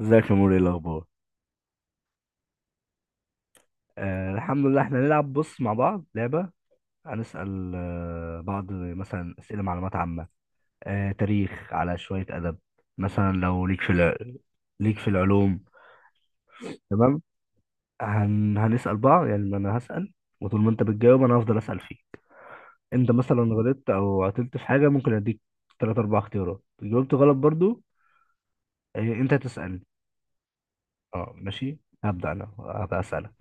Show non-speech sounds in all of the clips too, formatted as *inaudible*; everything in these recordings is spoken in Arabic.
ازيك يا موري؟ ايه الاخبار؟ الحمد لله. احنا هنلعب، بص، مع بعض لعبه. هنسال بعض مثلا اسئله معلومات عامه، تاريخ، على شويه ادب. مثلا لو ليك في ليك في العلوم؟ تمام. هنسال بعض، يعني انا هسال وطول ما انت بتجاوب انا هفضل اسال فيه. انت مثلا غلطت او عطلت في حاجه، ممكن اديك ثلاث اربع اختيارات. جاوبت غلط برضو، انت تسالني. اه ماشي، هبدا. انا هبقى اسالك.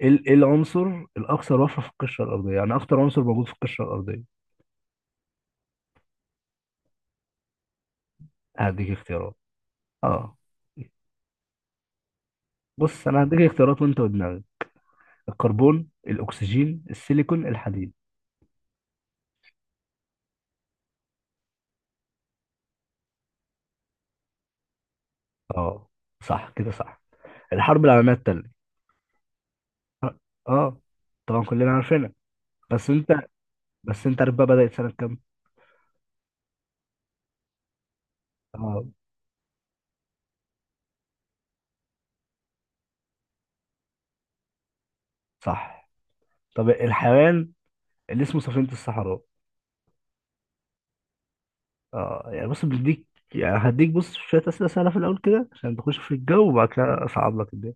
ايه إيه العنصر الاكثر وفرة في القشرة الارضية؟ يعني اكتر عنصر موجود في القشرة الارضية. هديك اختيارات. اه، بص، انا هديك اختيارات وانت ودماغك: الكربون، الاكسجين، السيليكون، الحديد. اه، صح، كده صح. الحرب العالمية التانية، اه، طبعا كلنا عارفينها، بس انت، بس انت عارف بقى بدأت سنة كام؟ اه، صح. طب الحيوان اللي اسمه سفينة الصحراء؟ اه، يعني بص بديك، يعني هديك، بص، شوية أسئلة سهلة في الأول كده عشان تخش في الجو وبعد كده أصعب لك الدنيا.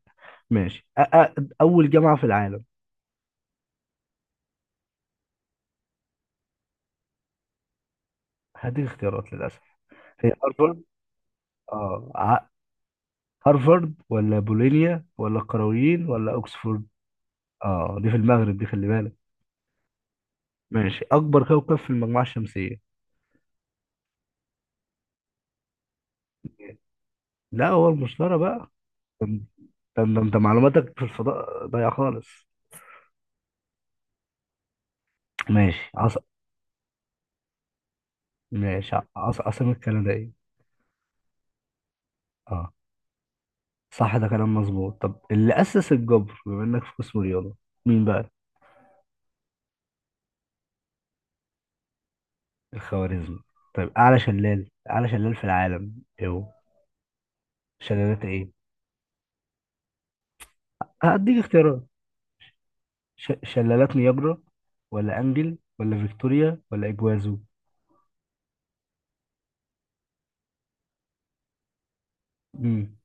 ماشي، أول جامعة في العالم؟ هديك اختيارات للأسف. هي هارفارد. اه هارفارد، ولا بولونيا، ولا القرويين، ولا أوكسفورد؟ اه، دي في المغرب، دي، خلي بالك. ماشي، أكبر كوكب في المجموعة الشمسية؟ لا، هو المشتري بقى. ده انت معلوماتك في الفضاء ضايعة خالص. ماشي ماشي عاصمة كندا ايه؟ اه، صح، ده كلام مظبوط. طب اللي أسس الجبر، بما إنك في قسم رياضة، مين بقى؟ الخوارزمي. طيب أعلى شلال، أعلى شلال في العالم، ايه هو؟ شلالات ايه؟ هديك اختيارات. شلالات نياجرا، ولا انجل، ولا فيكتوريا، ولا اجوازو؟ مم.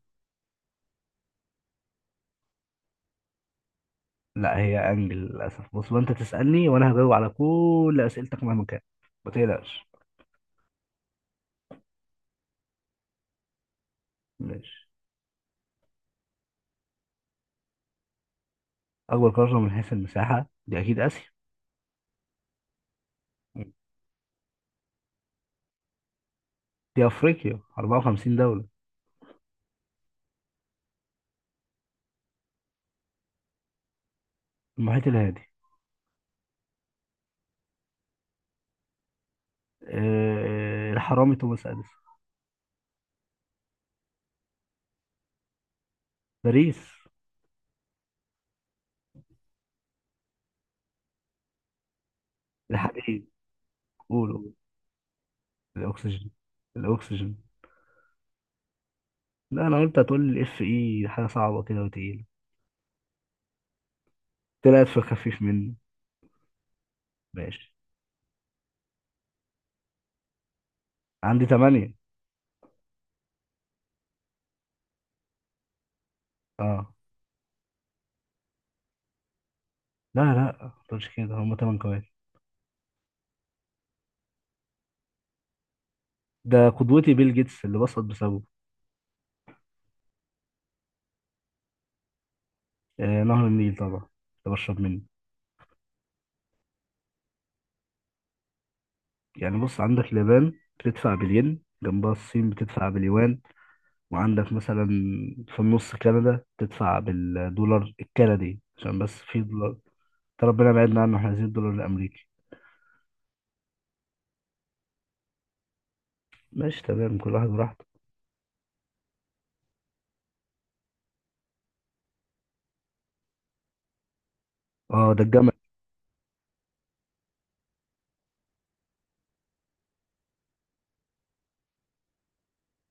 لا، هي انجل للاسف. بص بقى، انت تسالني وانا هجاوب على كل اسئلتك مهما كان. ما تقلقش. ماشي. اكبر قاره من حيث المساحه دي اكيد اسيا. مم. دي افريقيا، 54 دوله. المحيط الهادي. الحرامي توماس اديسون. باريس. الحديد. قولوا. الاكسجين. الاكسجين. لا انا قلت هتقول لي اف اي حاجه صعبه كده وتقيله. طلعت في الخفيف منه. ماشي. عندي تمانية. اه. لا لا، ما تقولش كده، هم تمن كمان. ده قدوتي بيل جيتس، اللي بسقط بسببه. آه نهر النيل طبعا، اللي بشرب منه. يعني بص، عندك اليابان بتدفع بالين، جنبها الصين بتدفع باليوان، وعندك مثلا في النص كندا بتدفع بالدولار الكندي عشان بس في دولار. ده ربنا بعدنا عنه، احنا عايزين الدولار الامريكي. ماشي، تمام، كل واحد براحته. اه ده الجمل.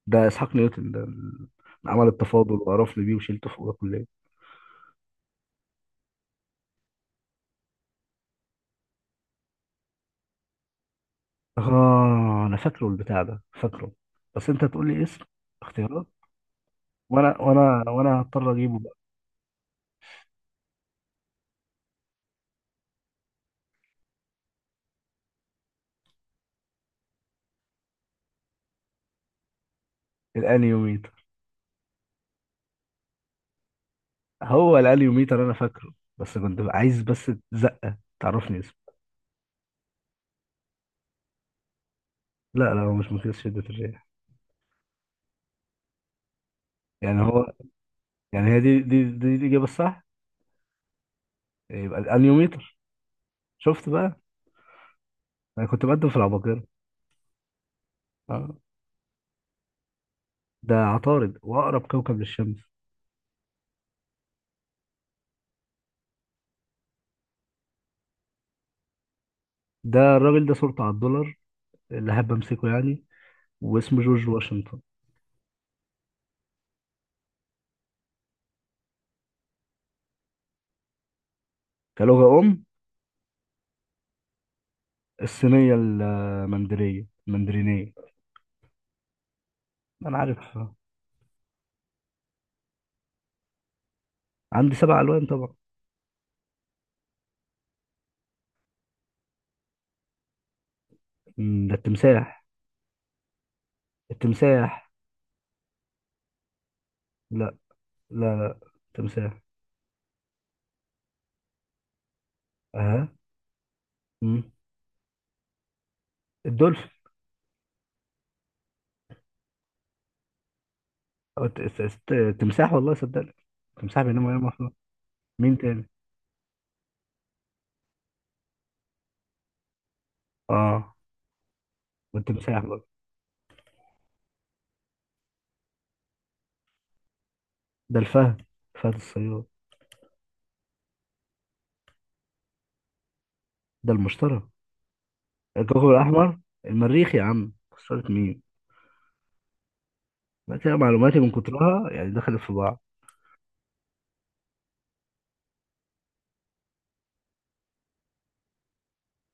ده اسحاق نيوتن، ده اللي عمل التفاضل وقرفني بيه وشيلته فوق الكلية. اه، انا فاكره البتاع ده، فاكره، بس انت تقول لي اسم. اختيارات؟ وانا هضطر اجيبه بقى. الانيوميتر. هو الانيوميتر، انا فاكره، بس كنت عايز بس زقه تعرفني اسمه. لا لا، هو مش مقياس شده الرياح. يعني هو، يعني هي دي الاجابه الصح. يبقى الانيوميتر. شفت بقى، انا كنت بقدم في العباقرة. اه. ده عطارد، واقرب كوكب للشمس. ده الراجل ده صورته على الدولار، اللي حابب امسكه يعني، واسمه جورج واشنطن. كلغه ام؟ الصينية، المندرية، المندرينية. أنا عارف. عندي سبع ألوان طبعا. مم، ده التمساح. التمساح. لا لا، لا، تمساح. أها. مم. الدولفين. أو التمساح، والله صدقني، التمساح بينام، وينام أصلا. مين تاني؟ آه، والتمساح برضه. ده الفهد، فهد الصياد. ده المشتري، الكوكب الأحمر. المريخ يا عم، خسرت مين؟ ما كده معلوماتي من كترها يعني دخلت في بعض.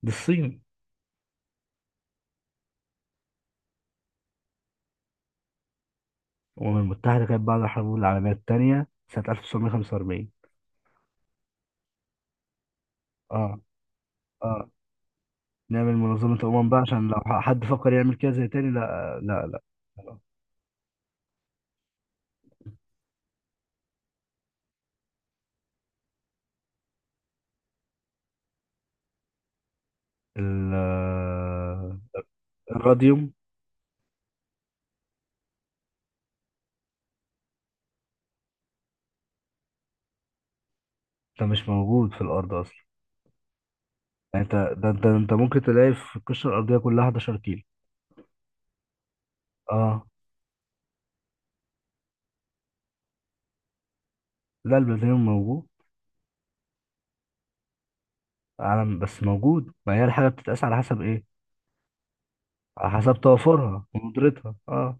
دي الصين. الأمم المتحدة كانت بعد الحرب العالمية التانية سنة 1945. اه. اه، نعمل منظمة أمم بقى عشان لو حد فكر يعمل كده زي تاني، لا لا لا. ال- آه، الراديوم. ده مش موجود في الأرض أصلا. يعني أنت ده، أنت، أنت ممكن تلاقي في القشرة الأرضية كلها 11 كيلو. اه. لا، البلاتينيوم موجود. عالم بس موجود، ما هي الحاجة بتتقاس على حسب إيه؟ على حسب توافرها وندرتها، اه،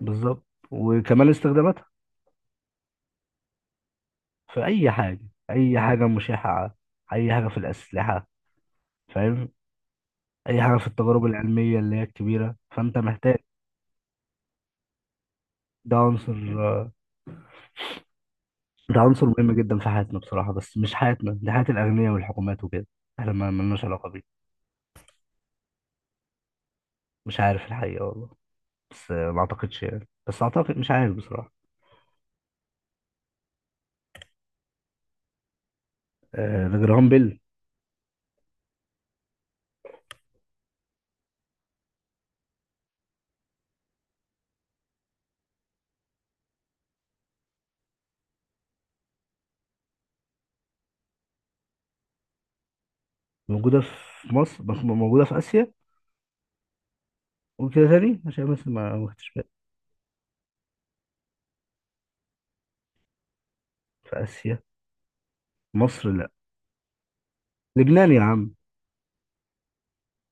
بالظبط، وكمان استخداماتها. في اي حاجه، اي حاجه مشعه، اي حاجه في الاسلحه، فاهم؟ اي حاجه في التجارب العلميه اللي هي الكبيره، فانت محتاج. ده عنصر ده عنصر مهم جدا في حياتنا بصراحه، بس مش حياتنا دي، حياه الاغنياء والحكومات وكده، احنا ما ملناش علاقه بيه. مش عارف الحقيقه، والله، بس ما اعتقدش يعني، بس اعتقد، مش عارف بصراحه. ده جرهام بيل. موجوده في مصر، بس موجوده في اسيا، وكده تاني عشان بس ما خدتش بالي. في اسيا. مصر لا. لبنان يا عم.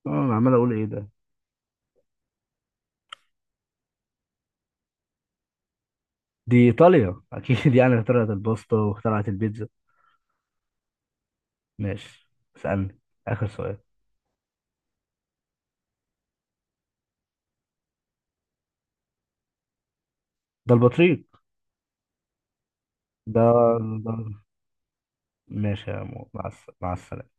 اه انا عمال اقول ايه ده. دي إيطاليا أكيد *laughs* يعني اخترعت الباستا واخترعت البيتزا. ماشي، اسألني آخر سؤال. ده البطريق. ده, ده... ماشي يا مو، مع مع السلامة.